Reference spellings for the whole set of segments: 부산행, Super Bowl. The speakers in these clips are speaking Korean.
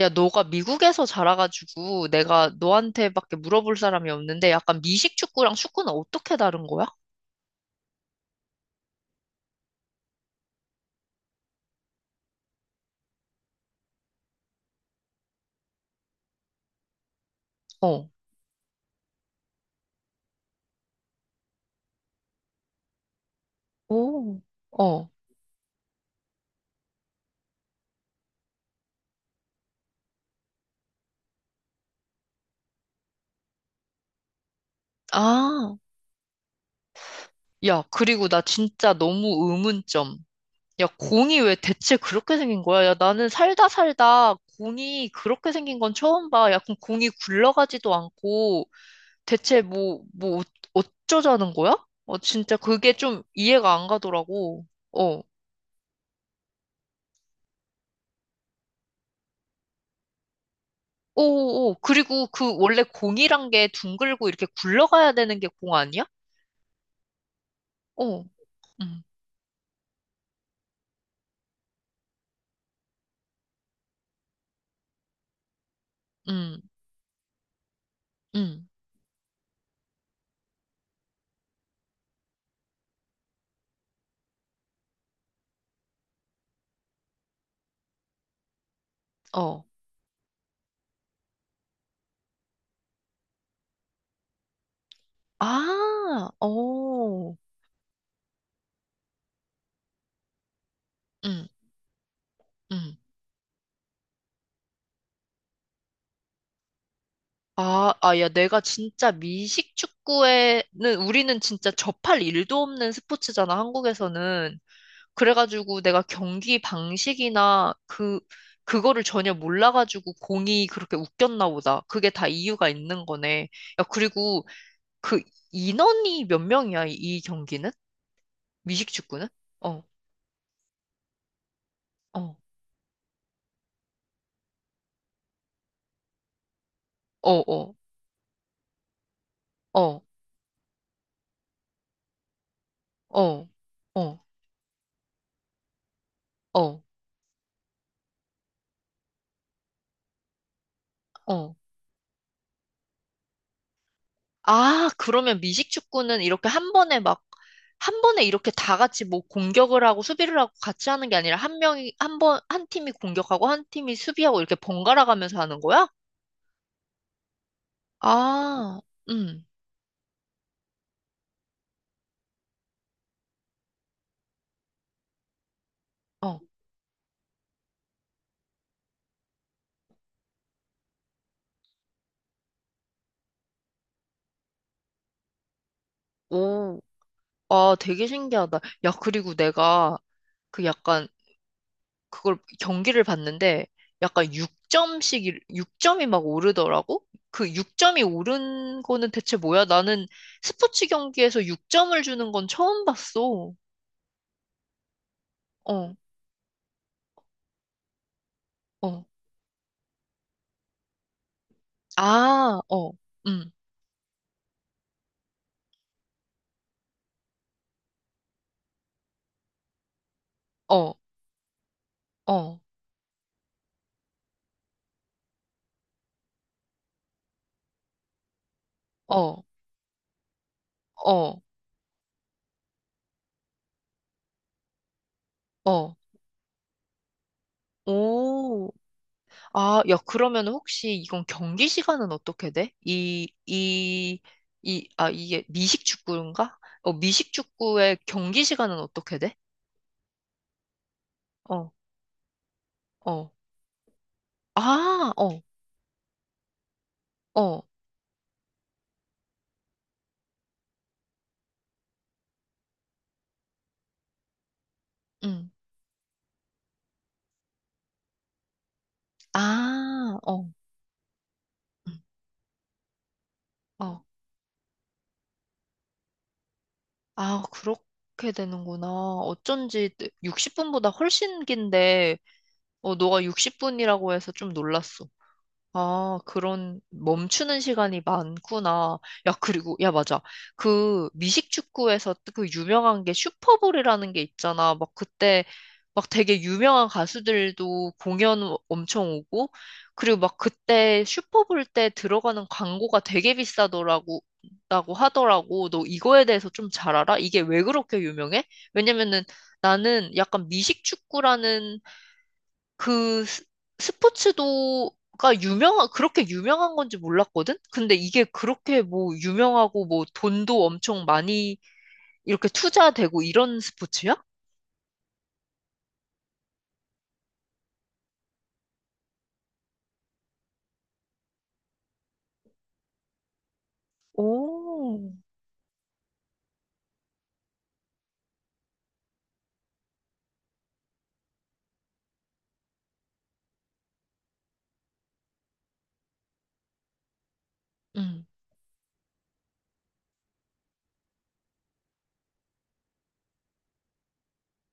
야, 너가 미국에서 자라가지고 내가 너한테밖에 물어볼 사람이 없는데 약간 미식 축구랑 축구는 어떻게 다른 거야? 어. 오. 어. 아. 야, 그리고 나 진짜 너무 의문점. 야, 공이 왜 대체 그렇게 생긴 거야? 야, 나는 살다 살다 공이 그렇게 생긴 건 처음 봐. 야, 그럼 공이 굴러가지도 않고 대체 어쩌자는 거야? 어, 진짜 그게 좀 이해가 안 가더라고. 어. 오, 오, 그리고 그 원래 공이란 게 둥글고 이렇게 굴러가야 되는 게 공 아니야? 어, 음, 음, 음, 어. 아, 오, 음, 음. 아, 아, 야, 내가 진짜 미식 축구에는 우리는 진짜 접할 일도 없는 스포츠잖아, 한국에서는. 그래가지고 내가 경기 방식이나 그, 그거를 전혀 몰라가지고 공이 그렇게 웃겼나 보다. 그게 다 이유가 있는 거네. 야, 그리고 그 인원이 몇 명이야, 이이 경기는? 미식축구는? 어, 어, 어, 어, 어, 어, 어, 어, 어. 아, 그러면 미식축구는 이렇게 한 번에 막, 한 번에 이렇게 다 같이 뭐 공격을 하고 수비를 하고 같이 하는 게 아니라 한 명이, 한 번, 한 팀이 공격하고 한 팀이 수비하고 이렇게 번갈아 가면서 하는 거야? 아, 음, 어, 오, 아, 되게 신기하다. 야, 그리고 내가 그 약간 그걸 경기를 봤는데 약간 6점씩 6점이 막 오르더라고. 그 6점이 오른 거는 대체 뭐야? 나는 스포츠 경기에서 6점을 주는 건 처음 봤어. 어, 어. 아, 어. 음. 어, 어. 어. 어. 어. 오. 아, 야, 그러면 혹시 이건 경기 시간은 어떻게 돼? 아, 이게 미식축구인가? 어, 미식축구의 경기 시간은 어떻게 돼? 어, 어. 아, 어, 어, 응. 아, 어, 응, 어. 아, 그렇게 되는구나. 어쩐지 60분보다 훨씬 긴데, 어, 너가 60분이라고 해서 좀 놀랐어. 아, 그런 멈추는 시간이 많구나. 야, 그리고, 야, 맞아. 그 미식축구에서 그 유명한 게 슈퍼볼이라는 게 있잖아. 막 그때 막 되게 유명한 가수들도 공연 엄청 오고, 그리고 막 그때 슈퍼볼 때 들어가는 광고가 되게 비싸더라고, 라고 하더라고. 너 이거에 대해서 좀 잘 알아? 이게 왜 그렇게 유명해? 왜냐면은 나는 약간 미식축구라는 그 스- 스포츠도가 유명한, 그렇게 유명한 건지 몰랐거든? 근데 이게 그렇게 뭐 유명하고 뭐 돈도 엄청 많이 이렇게 투자되고 이런 스포츠야? 응.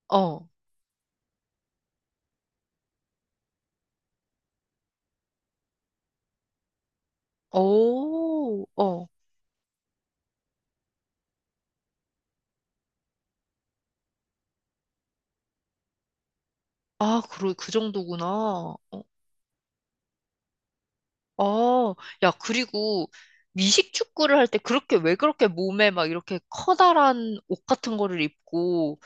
어. 오, 어. 아, 그 정도구나. 어. 아, 야, 그리고 미식 축구를 할 때 그렇게 왜 그렇게 몸에 막 이렇게 커다란 옷 같은 거를 입고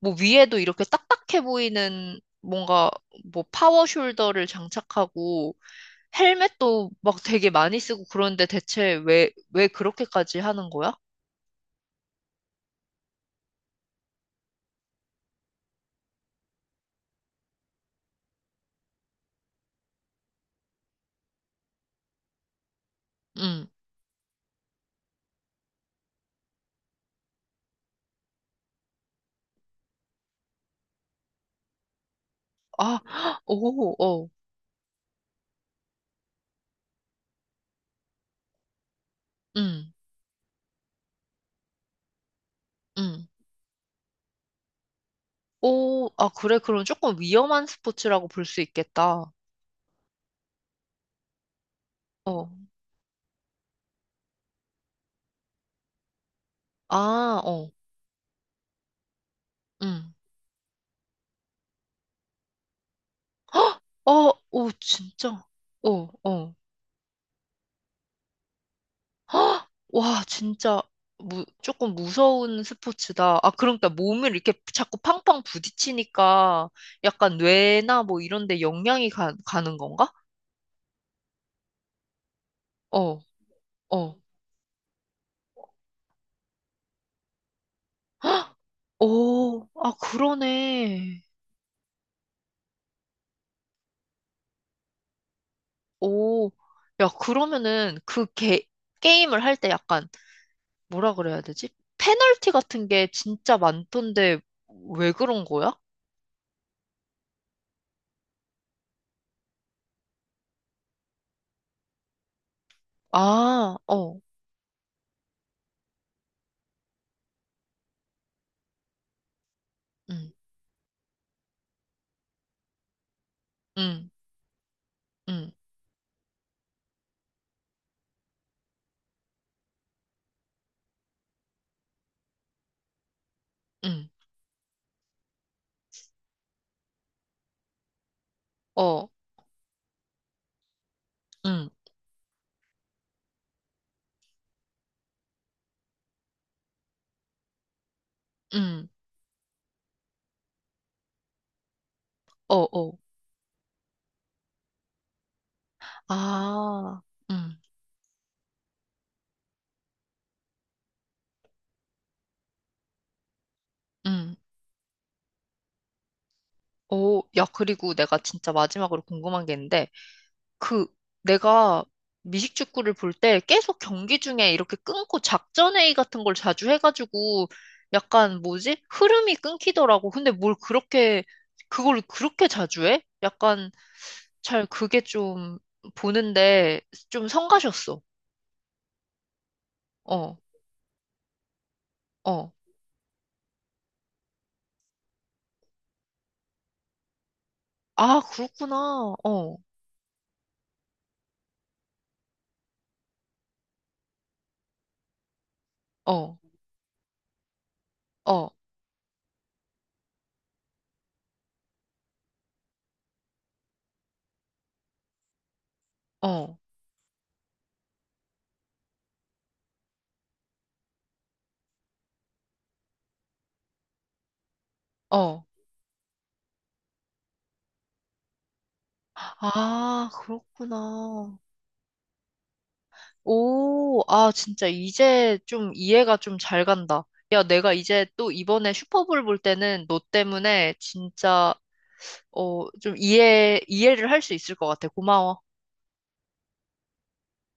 뭐 위에도 이렇게 딱딱해 보이는 뭔가 뭐 파워 숄더를 장착하고 헬멧도 막 되게 많이 쓰고 그런데 대체 왜 그렇게까지 하는 거야? 응. 아, 오, 어, 응, 응. 오, 아, 그래. 그럼 조금 위험한 스포츠라고 볼 수 있겠다. 어, 아, 어, 응. 어, 오, 진짜. 어, 어. 헉! 와, 진짜 조금 무서운 스포츠다. 아, 그러니까 몸을 이렇게 자꾸 팡팡 부딪히니까 약간 뇌나 뭐 이런 데 영향이 가는 건가? 어, 어. 오, 아, 그러네. 오, 야, 그러면은 게임을 할 때 약간 뭐라 그래야 되지? 페널티 같은 게 진짜 많던데 왜 그런 거야? 아, 어, 응, 응, 응, 응, 어, 응, 응, 어, 어. 아, 음, 음. 오, 야, 그리고 내가 진짜 마지막으로 궁금한 게 있는데, 그, 내가 미식축구를 볼 때 계속 경기 중에 이렇게 끊고 작전회의 같은 걸 자주 해가지고, 약간 뭐지? 흐름이 끊기더라고. 근데 그걸 그렇게 자주 해? 약간 잘 그게 좀 보는데 좀 성가셨어. 어, 어. 아, 그렇구나. 어, 어, 어, 어, 어. 아, 그렇구나. 오, 아, 진짜 이제 좀 이해가 좀 잘 간다. 야, 내가 이제 또 이번에 슈퍼볼 볼 때는 너 때문에 진짜, 어, 이해를 할 수 있을 것 같아. 고마워.